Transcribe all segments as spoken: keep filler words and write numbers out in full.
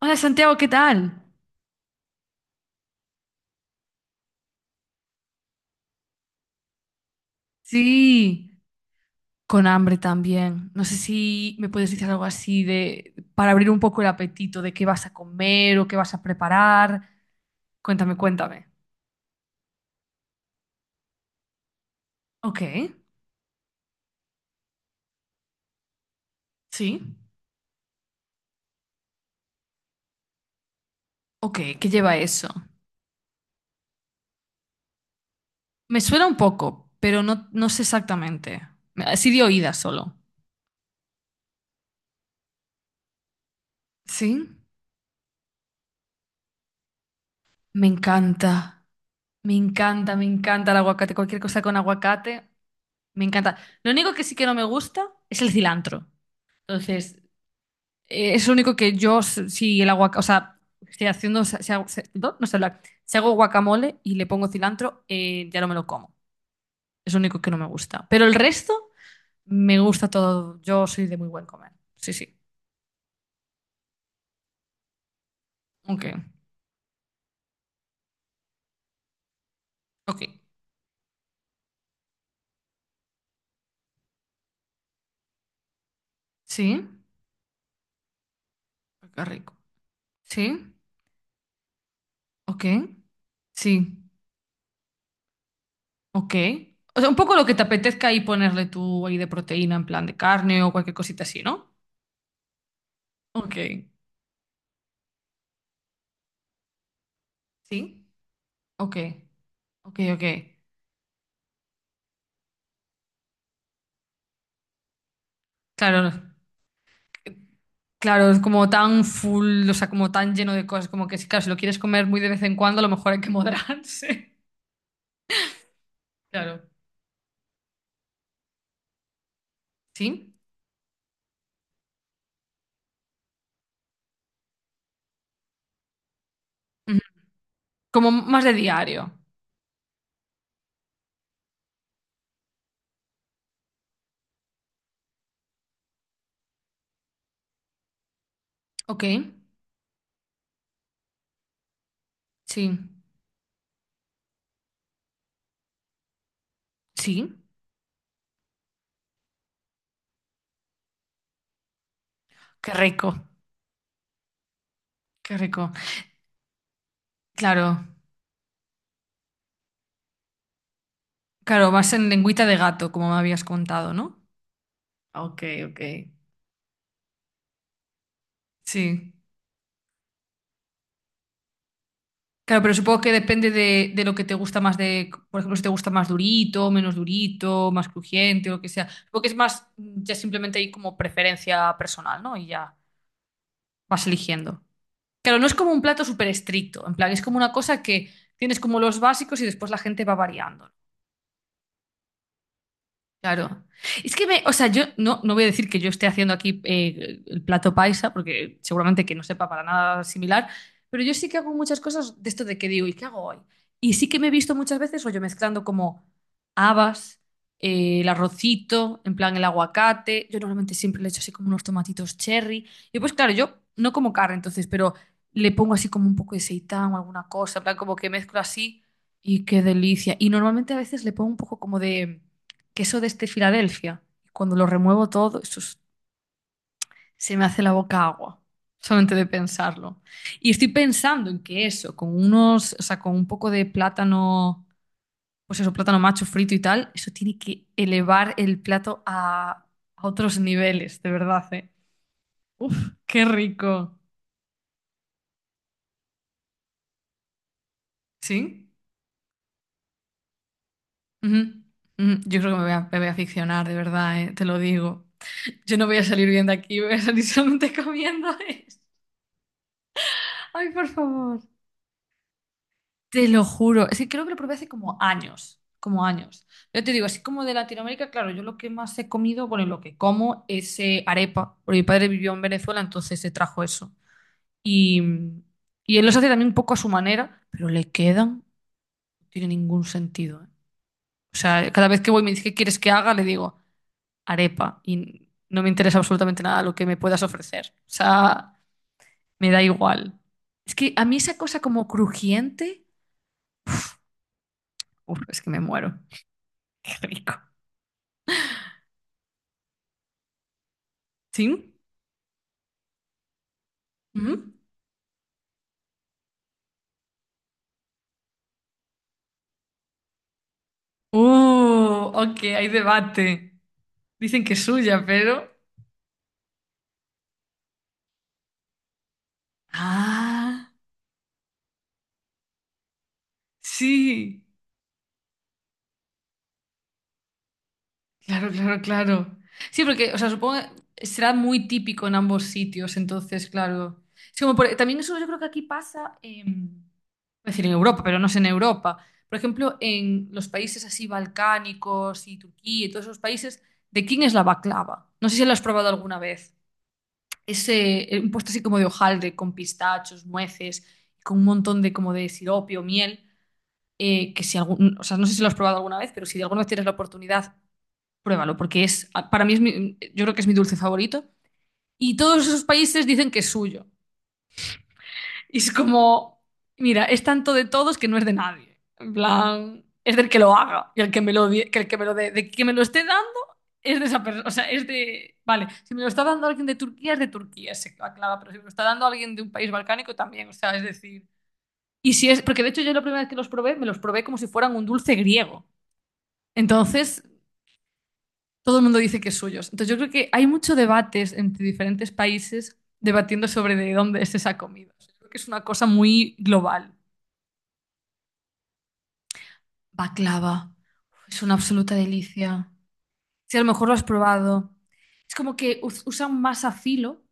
Hola Santiago, ¿qué tal? Sí, con hambre también. No sé si me puedes decir algo así de para abrir un poco el apetito de qué vas a comer o qué vas a preparar. Cuéntame, cuéntame. Ok, sí. Ok, ¿qué lleva eso? Me suena un poco, pero no, no sé exactamente. Así de oídas solo. Sí, me encanta. Me encanta, me encanta el aguacate. Cualquier cosa con aguacate, me encanta. Lo único que sí que no me gusta es el cilantro. Entonces, Eh, es lo único que yo, s- si el aguacate, o sea, estoy haciendo, si hago, si- no, no sé hablar. Si hago guacamole y le pongo cilantro, eh, ya no me lo como. Es lo único que no me gusta. Pero el resto, me gusta todo. Yo soy de muy buen comer. Sí, sí. Ok. Ok. Sí. Qué rico. Sí. Ok. Sí. Ok. O sea, un poco lo que te apetezca ahí ponerle tú ahí de proteína, en plan de carne o cualquier cosita así, ¿no? Ok. Sí. Ok. Ok, ok. Claro. Claro, es como tan full, o sea, como tan lleno de cosas, como que si, claro, si lo quieres comer muy de vez en cuando, a lo mejor hay que moderarse. Claro. ¿Sí? Ujú. Como más de diario. Ok. Sí. Sí. Qué rico. Qué rico. Claro. Claro, más en lengüita de gato, como me habías contado, ¿no? Ok, ok. Sí. Claro, pero supongo que depende de, de lo que te gusta más de, por ejemplo, si te gusta más durito, menos durito, más crujiente o lo que sea. Supongo que es más, mm, ya simplemente hay como preferencia personal, ¿no? Y ya. Vas eligiendo. Claro, no es como un plato súper estricto, en plan, es como una cosa que tienes como los básicos y después la gente va variando. Claro. Es que me, o sea, yo no, no voy a decir que yo esté haciendo aquí eh, el plato paisa, porque seguramente que no sepa para nada similar, pero yo sí que hago muchas cosas de esto de que digo, ¿y qué hago hoy? Y sí que me he visto muchas veces, o yo mezclando como habas, eh, el arrocito, en plan el aguacate. Yo normalmente siempre le echo así como unos tomatitos cherry. Y pues claro, yo no como carne entonces, pero le pongo así como un poco de seitán o alguna cosa, en plan como que mezclo así y qué delicia. Y normalmente a veces le pongo un poco como de queso de este Filadelfia. Cuando lo remuevo todo, eso es- se me hace la boca agua, solamente de pensarlo. Y estoy pensando en que eso, con unos, o sea, con un poco de plátano, pues eso, plátano macho frito y tal, eso tiene que elevar el plato a, a otros niveles, de verdad, ¿eh? Qué rico. ¿Sí? Ujú, ujú. Yo creo que me voy a, me voy a aficionar, de verdad, ¿eh? Te lo digo. Yo no voy a salir bien de aquí, voy a salir solamente comiendo esto. Ay, por favor. Te lo juro, es que creo que lo probé hace como años, como años. Yo te digo, así como de Latinoamérica, claro, yo lo que más he comido, bueno, y lo que como es eh, arepa, porque mi padre vivió en Venezuela, entonces se trajo eso. Y, y él los hace también un poco a su manera, pero le quedan, no tiene ningún sentido. ¿Eh? O sea, cada vez que voy y me dice, ¿qué quieres que haga? Le digo, arepa, y no me interesa absolutamente nada lo que me puedas ofrecer. O sea, me da igual. Es que a mí esa cosa como crujiente, uf, es que me muero. Qué rico. ¿Sí? Ujú. Uh, ok, hay debate. Dicen que es suya, pero... Ah, sí. Claro, claro, claro. Sí, porque, o sea, supongo que será muy típico en ambos sitios, entonces, claro. Es como por- también eso yo creo que aquí pasa, en- iba a decir en Europa, pero no es en Europa. Por ejemplo, en los países así balcánicos y Turquía y todos esos países, ¿de quién es la baklava? No sé si lo has probado alguna vez. Ese, eh, un postre así como de hojaldre, con pistachos, nueces, con un montón de como de sirope o miel, eh, que si algún, o sea, no sé si lo has probado alguna vez, pero si de alguna vez tienes la oportunidad, pruébalo, porque es, para mí es mi- yo creo que es mi dulce favorito. Y todos esos países dicen que es suyo. Y es como, mira, es tanto de todos que no es de nadie. En plan, es del que lo haga y el que me lo, die- que el que me lo dé. De que me lo esté dando es de esa persona. O sea, es de. Vale, si me lo está dando alguien de Turquía, es de Turquía, se aclara, pero si me lo está dando alguien de un país balcánico también. O sea, es decir. Y si es. Porque de hecho, yo la primera vez que los probé, me los probé como si fueran un dulce griego. Entonces, todo el mundo dice que es suyos. Entonces, yo creo que hay mucho debates entre diferentes países debatiendo sobre de dónde es esa comida. O sea, yo creo que es una cosa muy global. Baklava. Es una absoluta delicia. Si a lo mejor lo has probado. Es como que us- usan masa filo,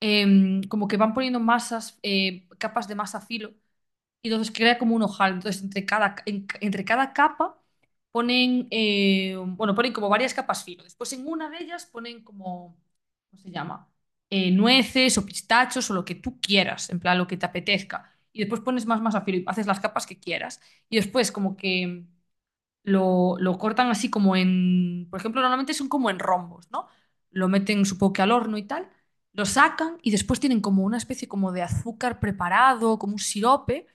em, como que van poniendo masas, eh, capas de masa filo, y entonces crea como un ojal. Entonces, entre cada, en- entre cada capa ponen, eh, bueno, ponen como varias capas filo. Después en una de ellas ponen como, ¿cómo se llama? Eh, nueces o pistachos o lo que tú quieras, en plan lo que te apetezca. Y después pones más masa filo y haces las capas que quieras. Y después como que lo, lo cortan así como en, por ejemplo, normalmente son como en rombos, ¿no? Lo meten, supongo que al horno y tal, lo sacan y después tienen como una especie como de azúcar preparado, como un sirope,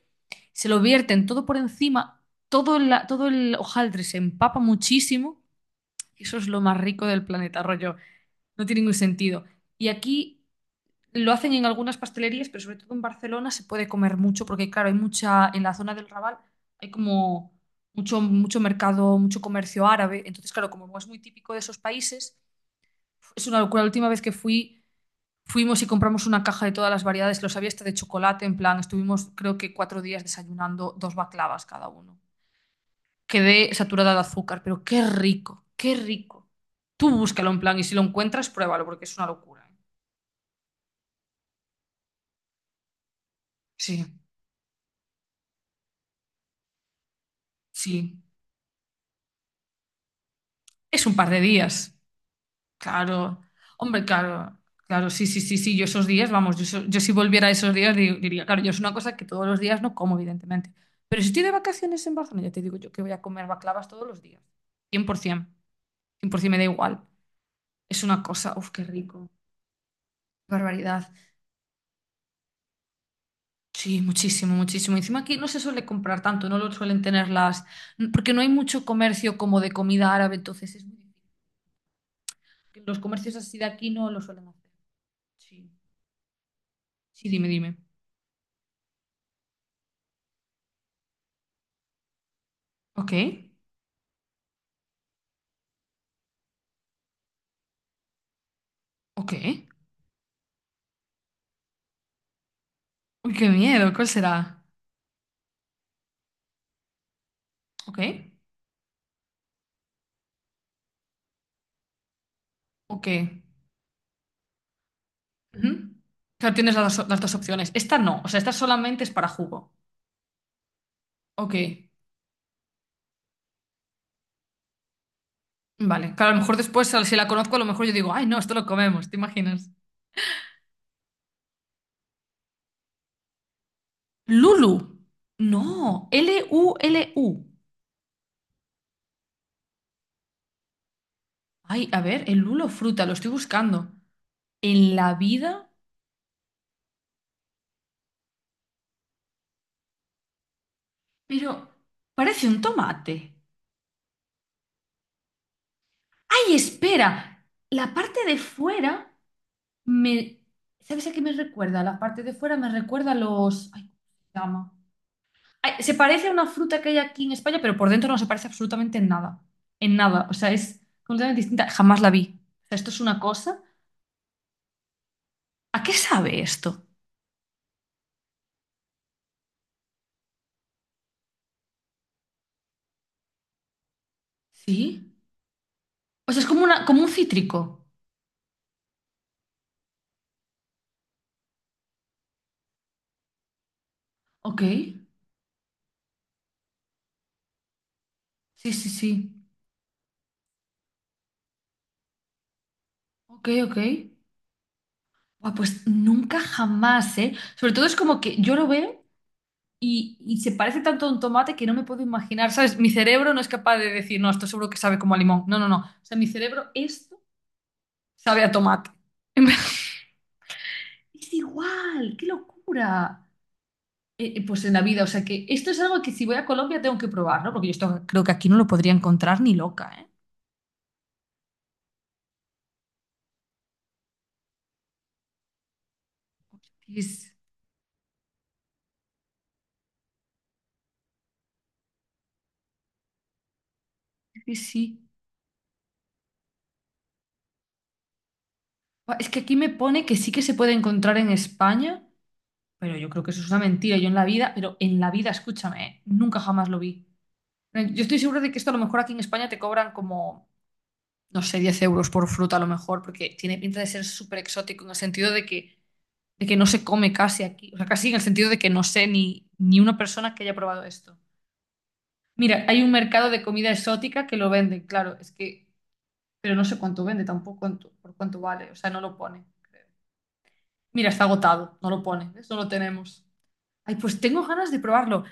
se lo vierten todo por encima, todo la, todo el hojaldre se empapa muchísimo, y eso es lo más rico del planeta, rollo, no tiene ningún sentido. Y aquí lo hacen en algunas pastelerías, pero sobre todo en Barcelona se puede comer mucho porque, claro, hay mucha, en la zona del Raval hay como mucho, mucho mercado, mucho comercio árabe. Entonces, claro, como es muy típico de esos países, es una locura. La última vez que fui, fuimos y compramos una caja de todas las variedades, los había hasta de chocolate, en plan, estuvimos creo que cuatro días desayunando dos baklavas cada uno. Quedé saturada de azúcar, pero qué rico, qué rico. Tú búscalo en plan y si lo encuentras, pruébalo porque es una locura. ¿Eh? Sí, sí. Es un par de días. Claro, hombre, claro, claro, sí, sí, sí, sí, yo esos días, vamos, yo, so- yo si volviera a esos días di- diría, claro, yo es una cosa que todos los días no como, evidentemente, pero si estoy de vacaciones en Barcelona, ya te digo yo que voy a comer baklavas todos los días, cien cien, por ciento, cien por cien por ciento me da igual, es una cosa, uf, qué rico, qué barbaridad, sí, muchísimo, muchísimo, encima aquí no se suele comprar tanto, no lo suelen tener las, porque no hay mucho comercio como de comida árabe, entonces es muy difícil, los comercios así de aquí no lo suelen hacer, sí, sí, dime, dime, ok, ok. Uy, qué miedo, ¿cuál será? ¿Ok? ¿Ok? Ujú. Claro, tienes las, dos las dos opciones. Esta no, o sea, esta solamente es para jugo. Ok, vale. Claro, a lo mejor después, si la conozco, a lo mejor yo digo, ay, no, esto lo comemos, ¿te imaginas? Lulu. No, L-U-L-U. Ay, a ver, el lulo fruta, lo estoy buscando. En la vida, pero parece un tomate. Ay, espera, la parte de fuera. Me, ¿sabes a qué me recuerda? La parte de fuera me recuerda a los... Ay, ¿cómo se llama? Ay, se parece a una fruta que hay aquí en España, pero por dentro no se parece absolutamente en nada. En nada. O sea, es completamente distinta. Jamás la vi. O sea, esto es una cosa. ¿A qué sabe esto? ¿Sí? O sea, es como, una, como un cítrico. Ok. Sí, sí, sí. Ok, ok. Buah, pues nunca jamás, ¿eh? Sobre todo es como que yo lo veo. Y, y se parece tanto a un tomate que no me puedo imaginar, ¿sabes? Mi cerebro no es capaz de decir, no, esto seguro que sabe como a limón. No, no, no. O sea, mi cerebro, esto sabe a tomate. Es igual, qué locura. Eh, eh, pues en la vida, o sea que esto es algo que si voy a Colombia tengo que probar, ¿no? Porque yo esto creo que aquí no lo podría encontrar ni loca, ¿eh? Es, es sí. Buah, es que aquí me pone que sí que se puede encontrar en España, pero yo creo que eso es una mentira. Yo en la vida, pero en la vida, escúchame, ¿eh? Nunca jamás lo vi. Eh, Yo estoy segura de que esto a lo mejor aquí en España te cobran como, no sé, diez euros por fruta a lo mejor, porque tiene pinta de ser súper exótico en el sentido de que, de que no se come casi aquí. O sea, casi en el sentido de que no sé ni, ni una persona que haya probado esto. Mira, hay un mercado de comida exótica que lo venden, claro, es que, pero no sé cuánto vende tampoco, cuánto- por cuánto vale, o sea, no lo pone, creo. Mira, está agotado, no lo pone, eso lo tenemos. Ay, pues tengo ganas de probarlo.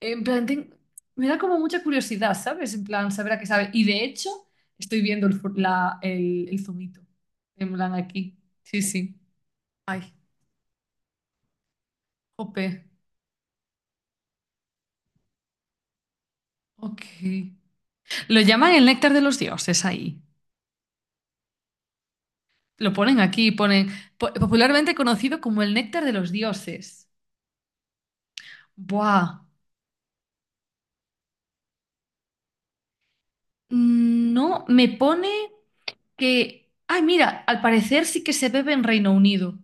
En plan, ten- me da como mucha curiosidad, ¿sabes? En plan, saber a qué sabe. Y de hecho, estoy viendo el, fu- la- el, el zumito. En plan, aquí. Sí, sí. Ay, jope. Ok. Lo llaman el néctar de los dioses ahí. Lo ponen aquí, ponen po- popularmente conocido como el néctar de los dioses. Buah. Mm, No, me pone. Que, ay, mira, al parecer sí que se bebe en Reino Unido.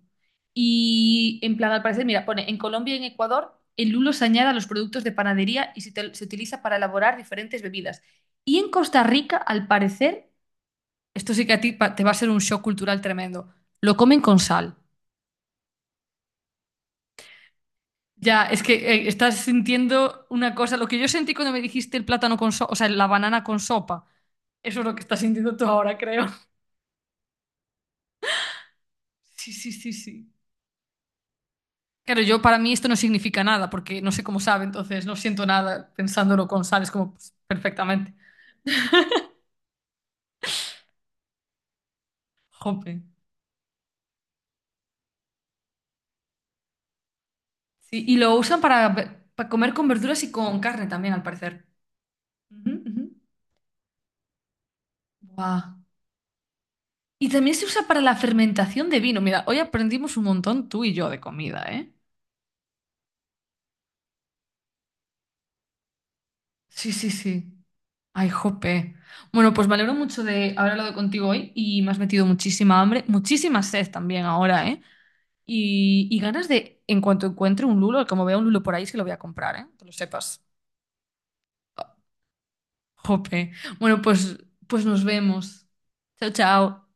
Y en plan, al parecer, mira, pone, en Colombia y en Ecuador, el lulo se añade a los productos de panadería y se, te- se utiliza para elaborar diferentes bebidas. Y en Costa Rica, al parecer, esto sí que a ti pa- te va a ser un shock cultural tremendo, lo comen con sal. Ya, es que eh, estás sintiendo una cosa, lo que yo sentí cuando me dijiste el plátano con sopa, o sea, la banana con sopa, eso es lo que estás sintiendo tú ahora, creo. Sí, sí, sí, sí. Claro, yo para mí esto no significa nada, porque no sé cómo sabe, entonces no siento nada pensándolo con sal, es como pues, perfectamente. Jope. Sí, y lo usan para, ve- para comer con verduras y con carne también, al parecer. Ujú, ujú. Buah. Y también se usa para la fermentación de vino. Mira, hoy aprendimos un montón tú y yo de comida, ¿eh? Sí, sí, sí. Ay, jope. Bueno, pues me alegro mucho de haber hablado contigo hoy y me has metido muchísima hambre, muchísima sed también ahora, ¿eh? Y, y ganas de, en cuanto encuentre un lulo, como vea un lulo por ahí, es que lo voy a comprar, ¿eh? Que lo sepas. Jope. Bueno, pues, pues nos vemos. Chao, chao.